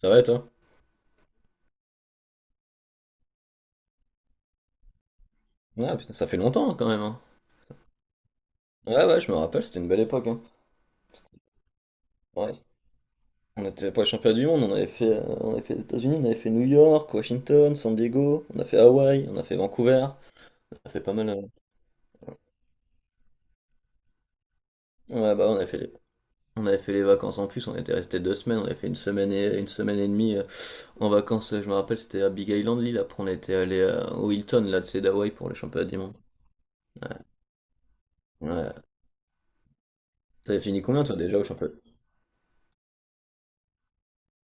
Ça va et toi? Ah putain, ça fait longtemps, hein, quand même, hein. Ouais, ouais, je me rappelle, c'était une belle époque, hein. Ouais, on était pas les championnats du monde, on avait fait, les États-Unis, on avait fait New York, Washington, San Diego, on a fait Hawaï, on a fait Vancouver. Ça a fait pas mal. Ouais, bah, on avait fait les vacances en plus, on était resté 2 semaines, on avait fait une semaine et demie, en vacances. Je me rappelle, c'était à Big Island l'île. Après, on était allé au Hilton là, de c'est d'Hawaï pour les championnats du monde. Ouais. Ouais. T'avais fini combien toi déjà au championnat?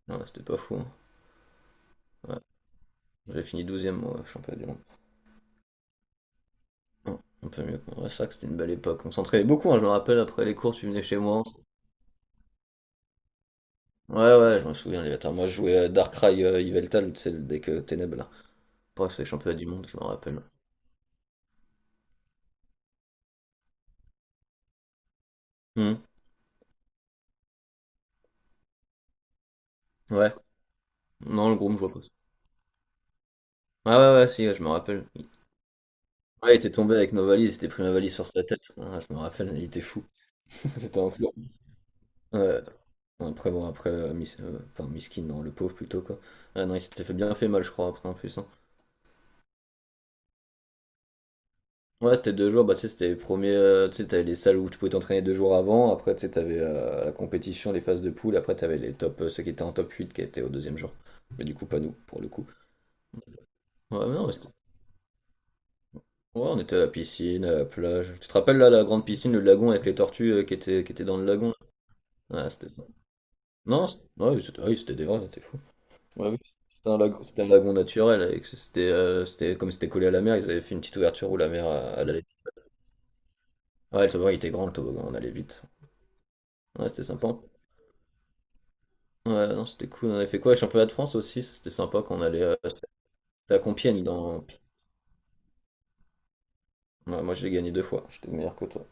Non, c'était pas fou, hein. Ouais. J'avais fini 12e e moi, au championnat du monde. On peut mieux comprendre ça, que c'était une belle époque. On s'entraînait beaucoup, hein, je me rappelle, après les cours, tu venais chez moi. Ouais, ouais, je me souviens, les bâtards. Moi, je jouais à Darkrai, Yveltal, tu sais, le deck, Ténèbres, là. Après, c'est les championnats du monde, je me rappelle. Hum. Ouais. Non, le groupe, je vois pas. Ah, ouais, ouais, ouais, si, ouais, je me rappelle. Ouais, il était tombé avec nos valises, il était pris ma valise sur sa tête. Ah, je me rappelle, il était fou. C'était un fou. Ouais. Après, bon, après, enfin, Miskin, non, le pauvre plutôt, quoi. Ah non, il s'était fait bien fait mal, je crois, après, en plus, hein. Ouais, c'était 2 jours. Bah, tu sais, c'était les premiers, tu sais, t'avais les salles où tu pouvais t'entraîner 2 jours avant. Après, tu sais, t'avais la compétition, les phases de poule. Après, t'avais les top, ceux qui étaient en top 8 qui étaient au deuxième jour. Mais du coup, pas nous, pour le coup. Ouais, mais non, mais ouais, on était à la piscine, à la plage. Tu te rappelles là, la grande piscine, le lagon avec les tortues, qui étaient dans le lagon? Là, ouais, c'était ça. Non, c'était, ouais, oui, c'était, ouais, c'était des vrais, t'es fou. Ouais, oui. C'était un lagon naturel. Comme c'était collé à la mer, ils avaient fait une petite ouverture où la mer, elle allait. Ouais, le toboggan il était grand, le toboggan, on allait vite. Ouais, c'était sympa. Ouais, non, c'était cool. On avait fait quoi? Le championnat de France aussi, ça, c'était sympa quand on allait, c'était à Compiègne. Ouais, moi, je l'ai gagné deux fois. J'étais meilleur que toi.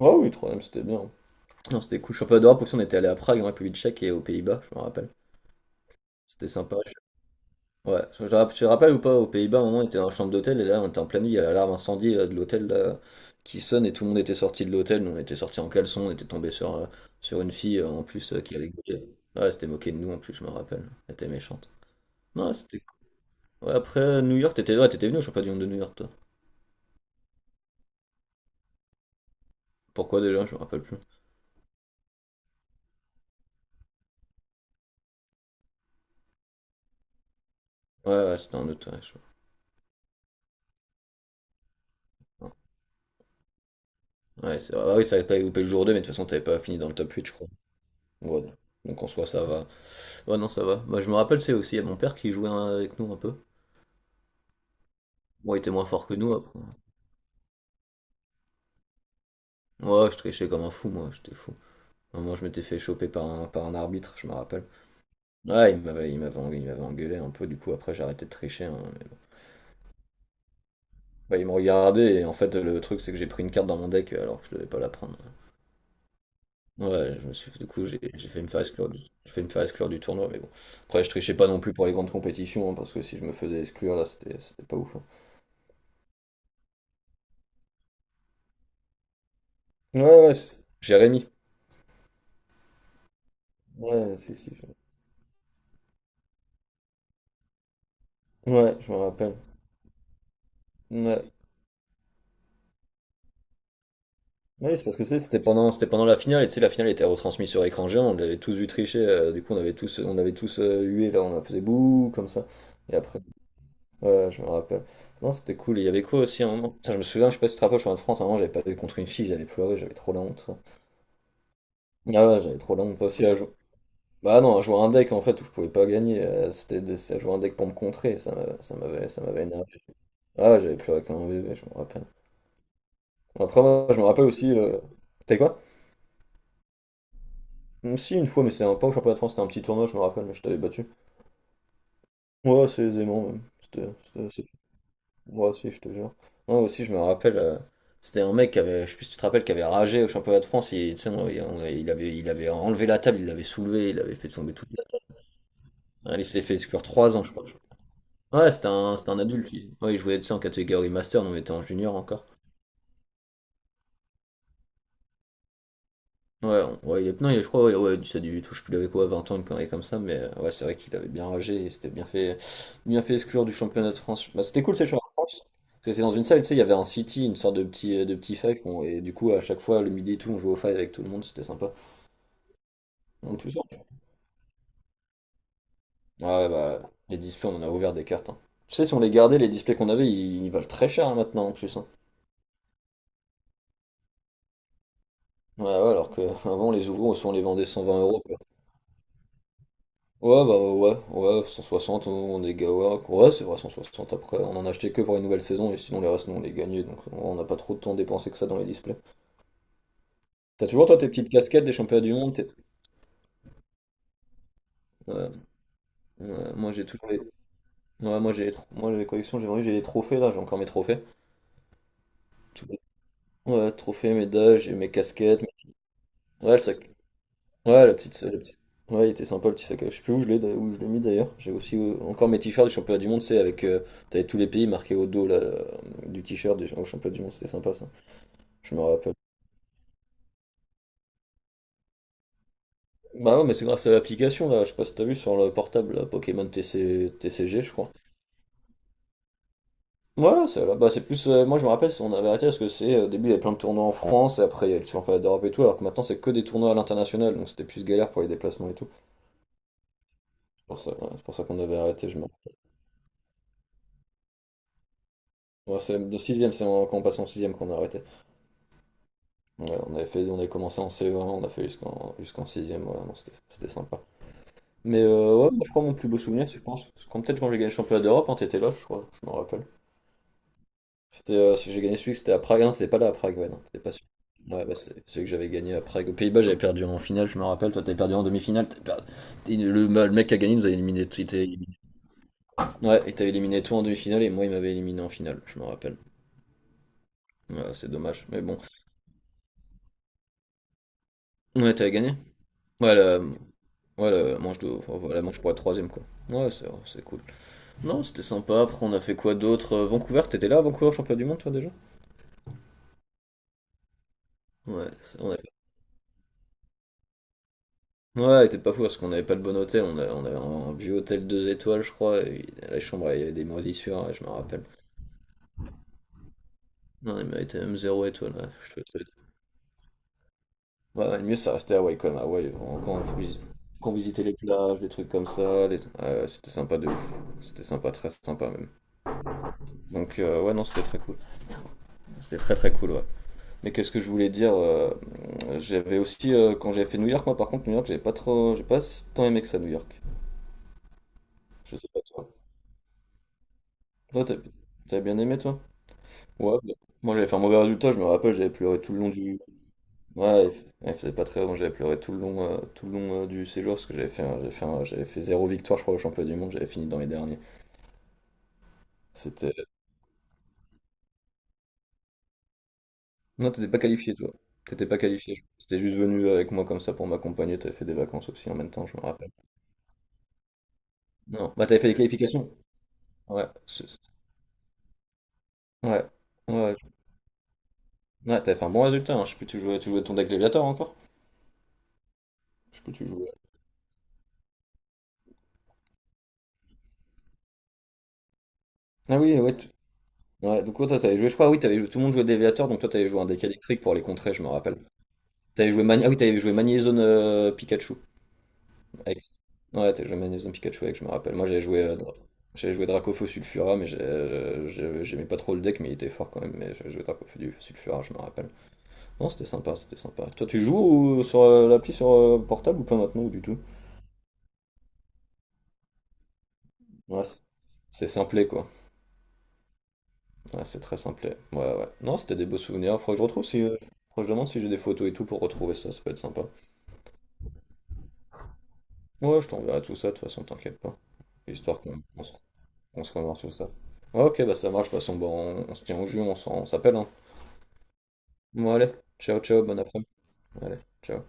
Ah oui, troisième, c'était bien. Non, c'était cool. Championnat d'Europe aussi, on était allé à Prague, en République tchèque et aux Pays-Bas, je me rappelle. C'était sympa. Ouais, tu te rappelles ou pas, aux Pays-Bas, à un moment, on était dans la chambre d'hôtel et là, on était en pleine nuit. Il y a l'alarme incendie, de l'hôtel là, qui sonne et tout le monde était sorti de l'hôtel. Nous, on était sortis en caleçon, on était tombé sur une fille, en plus, qui avait gueulé. Ouais, elle s'était moquée de nous en plus, je me rappelle. Elle était méchante. Non, c'était ouais, après, New York, t'étais venu au championnat du monde de New York, toi. Pourquoi déjà, je me rappelle plus. Ouais, ouais, c'était un autre, ouais, non. Ouais, c'est vrai. Ah oui, ça t'avais loupé le jour deux, mais de toute façon, t'avais pas fini dans le top huit, je crois. Ouais, donc en soi, ça va. Ouais, non, ça va. Moi, je me rappelle, c'est aussi, il y a mon père qui jouait, hein, avec nous un peu. Bon, il était moins fort que nous, après. Ouais, je trichais comme un fou, moi, j'étais fou. À un moment, je m'étais fait choper par un arbitre, je me rappelle. Ouais, il m'avait engueulé un peu, du coup, après, j'ai arrêté de tricher, hein, mais bon. Bah, il me regardait, et en fait, le truc, c'est que j'ai pris une carte dans mon deck, alors que je devais pas la prendre. Ouais, je me suis, du coup, j'ai failli me faire exclure du tournoi, mais bon. Après, je trichais pas non plus pour les grandes compétitions, hein, parce que si je me faisais exclure, là, c'était pas ouf, hein. Ouais, ouais, Jérémy. Ouais, si, si. Ouais, je me rappelle. Ouais. Oui, c'est parce que c'est- c'était pendant la finale, et tu sais, la finale était retransmise sur écran géant, on l'avait tous vu tricher, du coup, on avait tous, hué, là, on faisait bouh, comme ça. Et après, ouais, je me rappelle. Non, c'était cool. Et il y avait quoi aussi à un moment? Putain, je me souviens, je sais pas si tu te rappelles, je suis en France, à un moment, j'avais pas vu contre une fille, j'avais pleuré, j'avais trop la honte. Ah ouais, j'avais trop la honte aussi à jouer. Bah non, à jouer un deck en fait où je pouvais pas gagner, c'était c'est à jouer un deck pour me contrer, ça m'avait énervé. Ah, ouais, j'avais plus avec un bébé, je me rappelle. Après, moi, je me rappelle aussi. T'es quoi? Si, une fois, mais c'était un pas au championnat de France, c'était un petit tournoi, je me rappelle, mais je t'avais battu. Ouais, c'est aisément, même. Ouais, si, je te jure. Moi aussi, je me rappelle, c'était un mec qui avait, je sais plus si tu te rappelles, qui avait ragé au championnat de France, il, tu sais, il avait enlevé la table, il l'avait soulevée, il avait fait tomber toute la. Il s'est fait exclure 3 ans, je crois. Ouais, c'était un adulte, lui. Ouais, il jouait, ça en catégorie master, donc il était en junior encore. Ouais, ouais, il est, non, je crois, ouais, ouais, 17, 18, je sais plus, il avait quoi, 20 ans, une connerie comme ça, mais ouais, c'est vrai qu'il avait bien ragé, il s'était bien fait exclure du championnat de France. Bah, c'était cool, ces championnats de France. Parce que c'est dans une salle, tu sais, il y avait un city, une sorte de petit five, et du coup, à chaque fois, le midi et tout, on jouait au five avec tout le monde, c'était sympa. En plus, ouais. Ouais, bah, les displays, on en a ouvert des cartes, hein. Tu sais, si on les gardait, les displays qu'on avait, ils valent très cher, hein, maintenant, en plus, hein. Ouais, ouais, alors qu'avant, on les ouvrait, on les vendait 120 euros. Ouais, bah ouais, ouais, 160, ouais, ouais, c'est vrai, 160, après, on en a acheté que pour une nouvelle saison, et sinon les restes, nous, on les gagnait, donc on n'a pas trop de temps dépensé que ça dans les displays. T'as toujours, toi, tes petites casquettes des championnats du monde? Ouais, ouais, moi, j'ai toujours les... Ouais, moi, moi, les collections, j'ai les trophées, là, j'ai encore mes trophées. Tous les- Ouais, trophées, médailles, j'ai mes casquettes, ouais, le sac... Ouais, ouais, il était sympa, le petit sac, je sais plus où je l'ai mis, d'ailleurs. J'ai aussi, encore mes t-shirts du championnat du monde, c'est avec... T'avais tous les pays marqués au dos, là, du t-shirt au championnat du monde, c'était sympa, ça. Je me rappelle. Bah non mais c'est grâce à l'application là, je sais pas si t'as vu sur le portable là, Pokémon TCG, je crois. Ouais, c'est là. Bah c'est plus, moi je me rappelle, on avait arrêté parce que c'est. Au début il y avait plein de tournois en France et après il y a le championnat d'Europe et tout, alors que maintenant c'est que des tournois à l'international, donc c'était plus galère pour les déplacements et tout. C'est pour ça, ouais, c'est pour ça qu'on avait arrêté, je me rappelle. Ouais, c'est le sixième, quand on passe en sixième qu'on a arrêté. Ouais, on avait commencé en CE1, on a fait jusqu'en sixième, ouais, non, c'était sympa. Mais, ouais, moi, je crois mon plus beau souvenir, c'est, je pense. Quand peut-être quand j'ai gagné le championnat d'Europe, hein, t'étais là, je crois, je me rappelle. C'était, celui que j'ai gagné celui que c'était à Prague. Ah non, t'étais pas là à Prague, ouais, non, t'étais pas sûr. Ouais, bah, c'est celui que j'avais gagné à Prague. Aux Pays-Bas, j'avais perdu en finale, je me rappelle. Toi, t'avais perdu en demi-finale. Le, bah, le mec qui a gagné nous a éliminé. Il t'a éliminé. Ouais, il t'avait éliminé toi en demi-finale et moi, il m'avait éliminé en finale, je me rappelle. Ouais, c'est dommage, mais bon. Ouais, t'avais gagné? Ouais, la, ouais, la manche de, enfin, voilà, la manche pour la troisième, quoi. Ouais, c'est cool. Non, c'était sympa. Après, on a fait quoi d'autre? Vancouver, t'étais là à Vancouver, champion du monde, toi, déjà? Ouais, c'est- on a. Ouais, il était pas fou parce qu'on n'avait pas le bon hôtel, on avait un vieux hôtel 2 étoiles, je crois, et la chambre, il y avait des moisissures, ouais, je me rappelle. Non, il méritait même zéro étoile. Ouais, ouais, le mieux, ça restait à Hawaï quand même. Hawaï, on- quand on, visi- quand on visitait les plages, des trucs comme ça, les- ouais, c'était sympa de ouf. C'était sympa, très sympa même. Donc, ouais, non, c'était très cool. C'était très très cool, ouais. Mais qu'est-ce que je voulais dire. J'avais aussi, quand j'avais fait New York, moi par contre, New York, j'avais pas trop. J'ai pas tant aimé que ça, New York. Je sais pas toi. Toi, t'as bien aimé, toi. Ouais, bah, moi j'avais fait un mauvais résultat, je me rappelle, j'avais pleuré tout le long du. Ouais, elle faisait pas très bon, j'avais pleuré tout le long, du séjour parce que j'avais fait zéro victoire, je crois, au championnat du monde, j'avais fini dans les derniers. C'était. Non, t'étais pas qualifié, toi. T'étais pas qualifié. T'étais juste venu avec moi comme ça pour m'accompagner, t'avais fait des vacances aussi en même temps, je me rappelle. Non, bah t'avais fait des qualifications. Ouais, ouais, ouais, ouais. Ouais, t'avais fait un bon résultat, hein. Je sais plus, tu jouais ton deck Léviator encore? Je sais plus, tu jouais. Ah oui, ouais. Ouais, donc ouais, toi, t'avais joué, je crois, oui, t'avais joué- tout le monde jouait Déviateur, donc toi, t'avais joué un deck électrique pour les contrer, je me rappelle. T'avais joué Mani... Ah oui, t'avais joué Magnézone Pikachu. Avec- Ouais, t'avais joué Magnézone Pikachu avec, je me rappelle. Moi, j'avais joué Dracofeu Sulfura, mais j'aimais pas trop le deck, mais il était fort quand même. Mais j'avais joué Dracofeu du- Sulfura, je me rappelle. Non, c'était sympa, c'était sympa. Toi, tu joues ou- sur l'appli sur portable ou pas maintenant, ou du tout? Ouais, c'est simplé, quoi. Ouais, c'est très simplé. Ouais, ouais. Non, c'était des beaux souvenirs. Faudrait que je retrouve si. Faudrait que je demande si j'ai des photos et tout pour retrouver ça, ça peut être sympa. Ouais, je t'enverrai tout ça, de toute façon, t'inquiète pas. Histoire qu'on on se revoit sur ça. Ouais, ok, bah ça marche, de toute façon, bon, on se tient au jus, on s'appelle, hein. Bon, allez, ciao, ciao, bon après-midi. Allez, ciao.